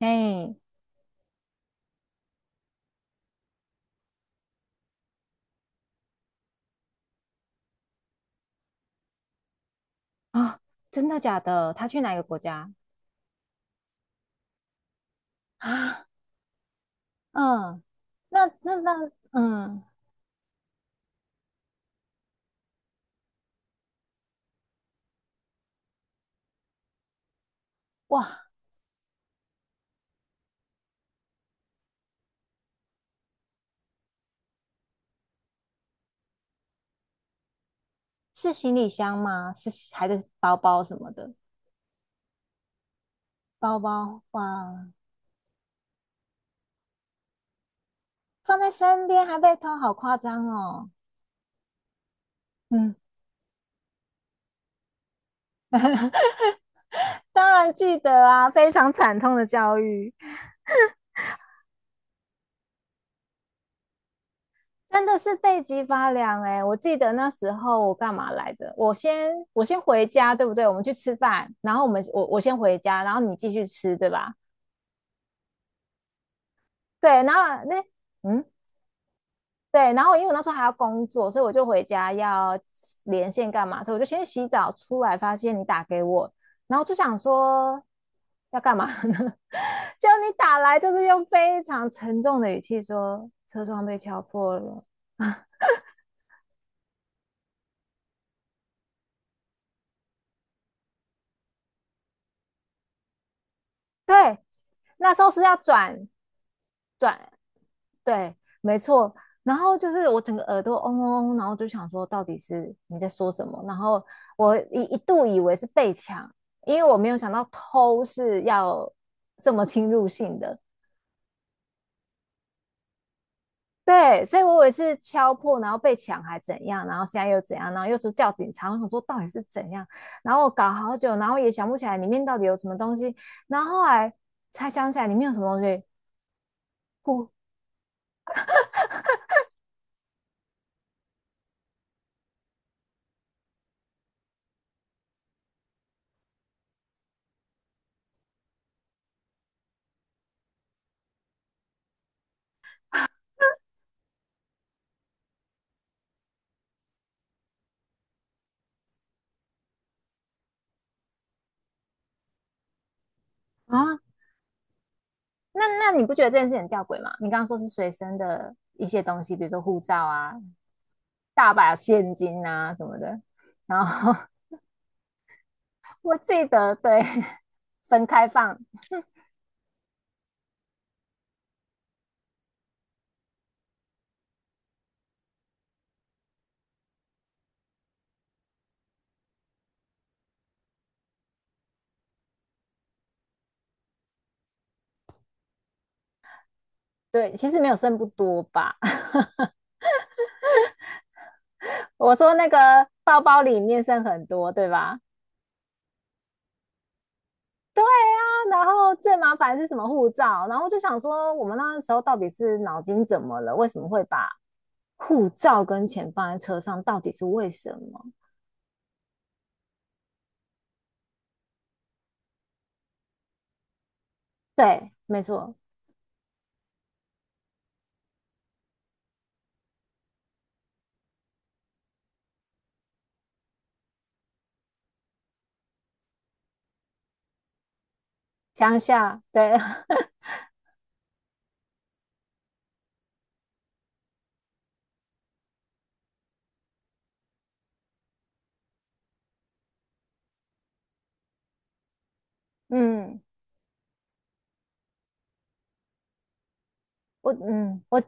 哎，啊，真的假的？他去哪个国家？啊，嗯，那，嗯，哇，是行李箱吗？是还是包包什么的？包包，哇，放在身边还被偷，好夸张哦。嗯，当然记得啊，非常惨痛的教育，真的是背脊发凉哎、我记得那时候我干嘛来着？我先回家，对不对？我们去吃饭，然后我们我我先回家，然后你继续吃，对吧？对，然后那嗯，对，然后因为我那时候还要工作，所以我就回家要连线干嘛，所以我就先洗澡出来，发现你打给我，然后就想说要干嘛呢？就你打来就是用非常沉重的语气说车窗被敲破了，对，那时候是要转对，没错。然后就是我整个耳朵嗡嗡嗡，然后就想说到底是你在说什么？然后我一度以为是被抢，因为我没有想到偷是要这么侵入性的。对，所以我以为是敲破，然后被抢还怎样，然后现在又怎样，然后又说叫警察，我想说到底是怎样，然后我搞好久，然后也想不起来里面到底有什么东西，然后后来才想起来里面有什么东西，不啊，那那你不觉得这件事很吊诡吗？你刚刚说是随身的一些东西，比如说护照啊、大把现金啊什么的。然后 我记得对分开放，对，其实没有剩不多吧 我说那个包包里面剩很多，对吧？对啊，然后最麻烦是什么护照？然后就想说，我们那时候到底是脑筋怎么了？为什么会把护照跟钱放在车上？到底是为什么？对，没错，乡下，对，嗯，我嗯我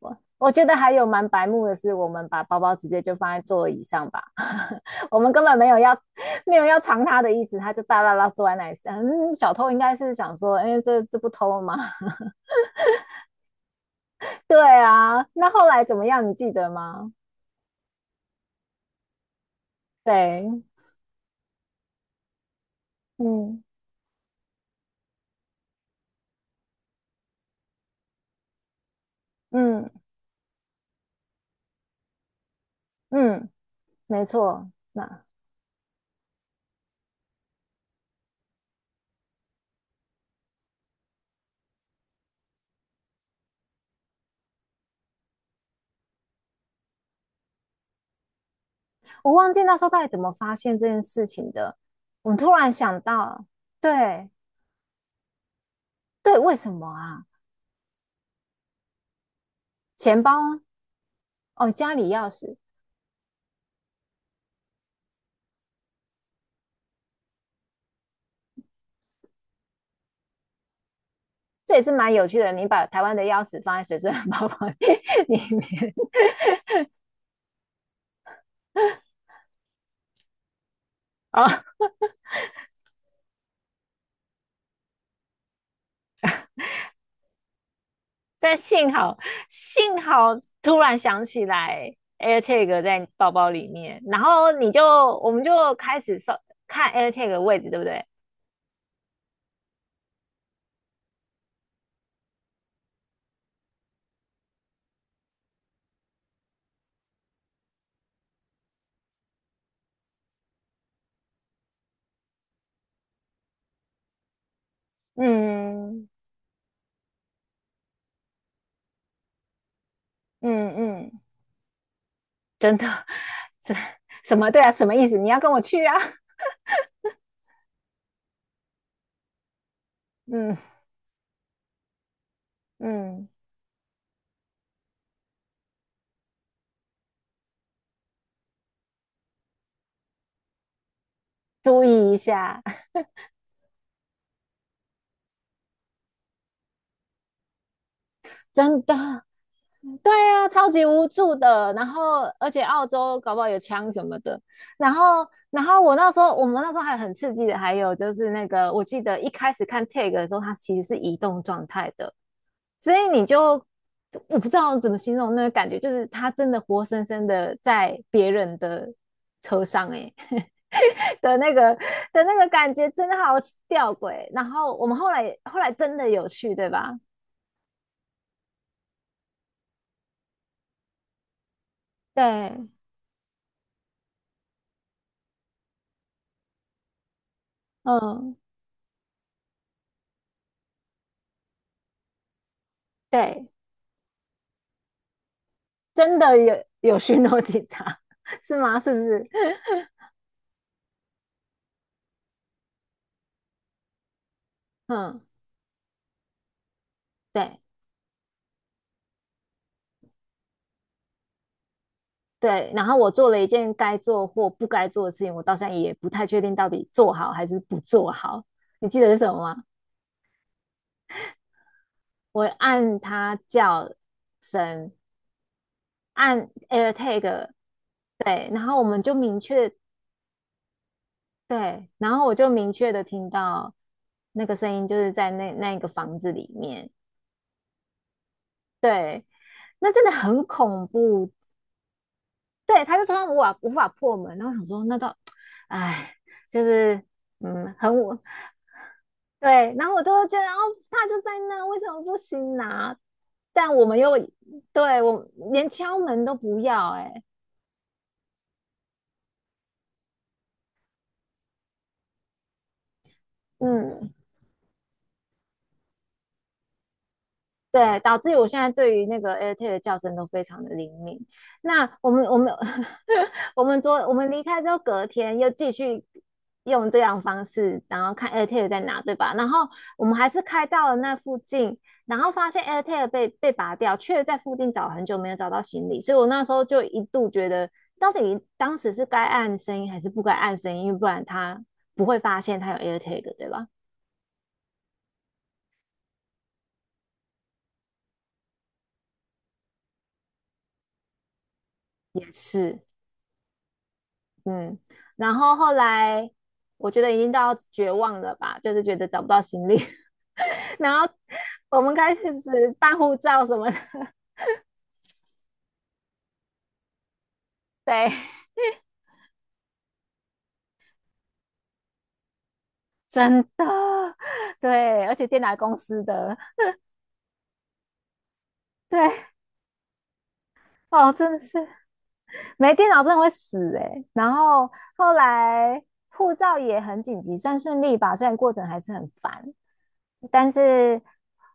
我我觉得还有蛮白目的是，我们把包包直接就放在座椅上吧，我们根本没有要没有要藏它的意思，他就大大拉坐在那里。嗯，小偷应该是想说，哎，这不偷吗？对啊，那后来怎么样？你记得吗？对，嗯嗯嗯，没错。那我忘记那时候到底怎么发现这件事情的，我突然想到，对对，为什么啊？钱包哦，家里钥匙，这也是蛮有趣的。你把台湾的钥匙放在随身包包里面哦，但幸好幸好突然想起来 AirTag 在包包里面，然后你就我们就开始搜看 AirTag 的位置，对不对？嗯嗯嗯，真的，这什么对啊？什么意思？你要跟我去啊？嗯嗯，注意一下，真的对啊，超级无助的。然后，而且澳洲搞不好有枪什么的。然后，然后我那时候，我们那时候还很刺激的，还有就是那个，我记得一开始看 tag 的时候，它其实是移动状态的，所以你就我不知道怎么形容那个感觉，就是它真的活生生的在别人的车上、欸，哎 的那个的那个感觉真的好吊诡。然后我们后来真的有去，对吧？对，嗯，对。真的有巡逻警察是吗？是不是？嗯，对对。然后我做了一件该做或不该做的事情，我到现在也不太确定到底做好还是不做好。你记得是什么吗？我按它叫声，按 AirTag，对，然后我们就明确对，然后我就明确的听到那个声音，就是在那一个房子里面，对，那真的很恐怖，对，他就说他无法破门，然后想说那到，哎，就是嗯，很我对，然后我就会觉得哦，他就在那，为什么不行拿？但我们又对我连敲门都不要、欸，哎，嗯，对，导致于我现在对于那个 AirTag 的叫声都非常的灵敏。那我们 我们昨我们离开之后，隔天又继续用这样的方式，然后看 AirTag 在哪，对吧？然后我们还是开到了那附近，然后发现 AirTag 被拔掉，却在附近找很久没有找到行李，所以我那时候就一度觉得，到底当时是该按声音还是不该按声音，因为不然他不会发现他有 AirTag，对吧？也是，嗯，然后后来我觉得已经到绝望了吧，就是觉得找不到行李，然后我们开始办护照什么的，对，真对，而且电脑公司的，对，哦，真的是没电脑真的会死哎、欸然后后来护照也很紧急，算顺利吧，虽然过程还是很烦，但是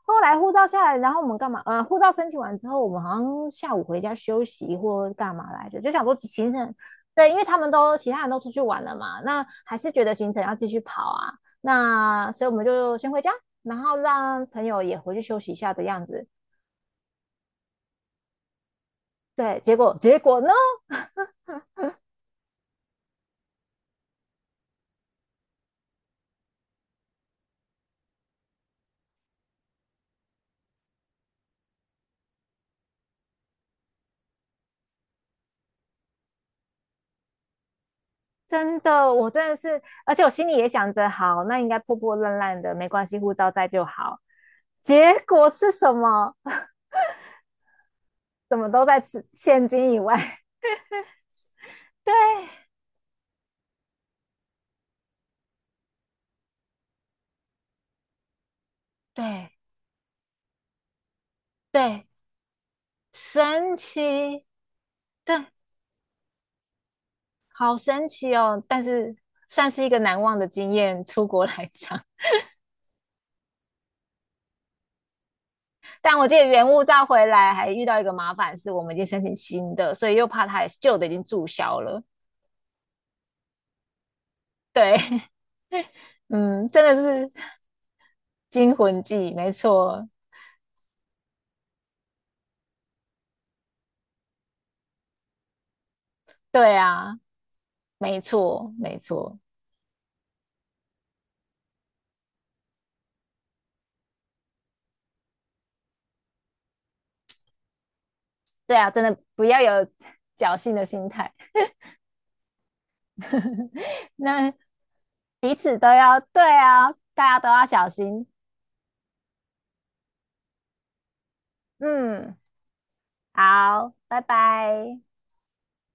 后来护照下来，然后我们干嘛？护照申请完之后，我们好像下午回家休息或干嘛来着，就想说行程，对，因为他们都其他人都出去玩了嘛，那还是觉得行程要继续跑啊，那所以我们就先回家，然后让朋友也回去休息一下的样子。对，结果呢？真的，我真的是，而且我心里也想着，好，那应该破破烂烂的，没关系，护照在就好。结果是什么？怎么都在此现金以外。对对对，神奇，对，好神奇哦！但是算是一个难忘的经验，出国来讲。但我记得原物照回来还遇到一个麻烦，是我们已经申请新的，所以又怕它旧的已经注销了。对，嗯，真的是惊魂记，没错。对啊，没错，没错，对啊，真的不要有 侥幸的心态，那彼此都要，对啊，大家都要小心。嗯，好，拜拜。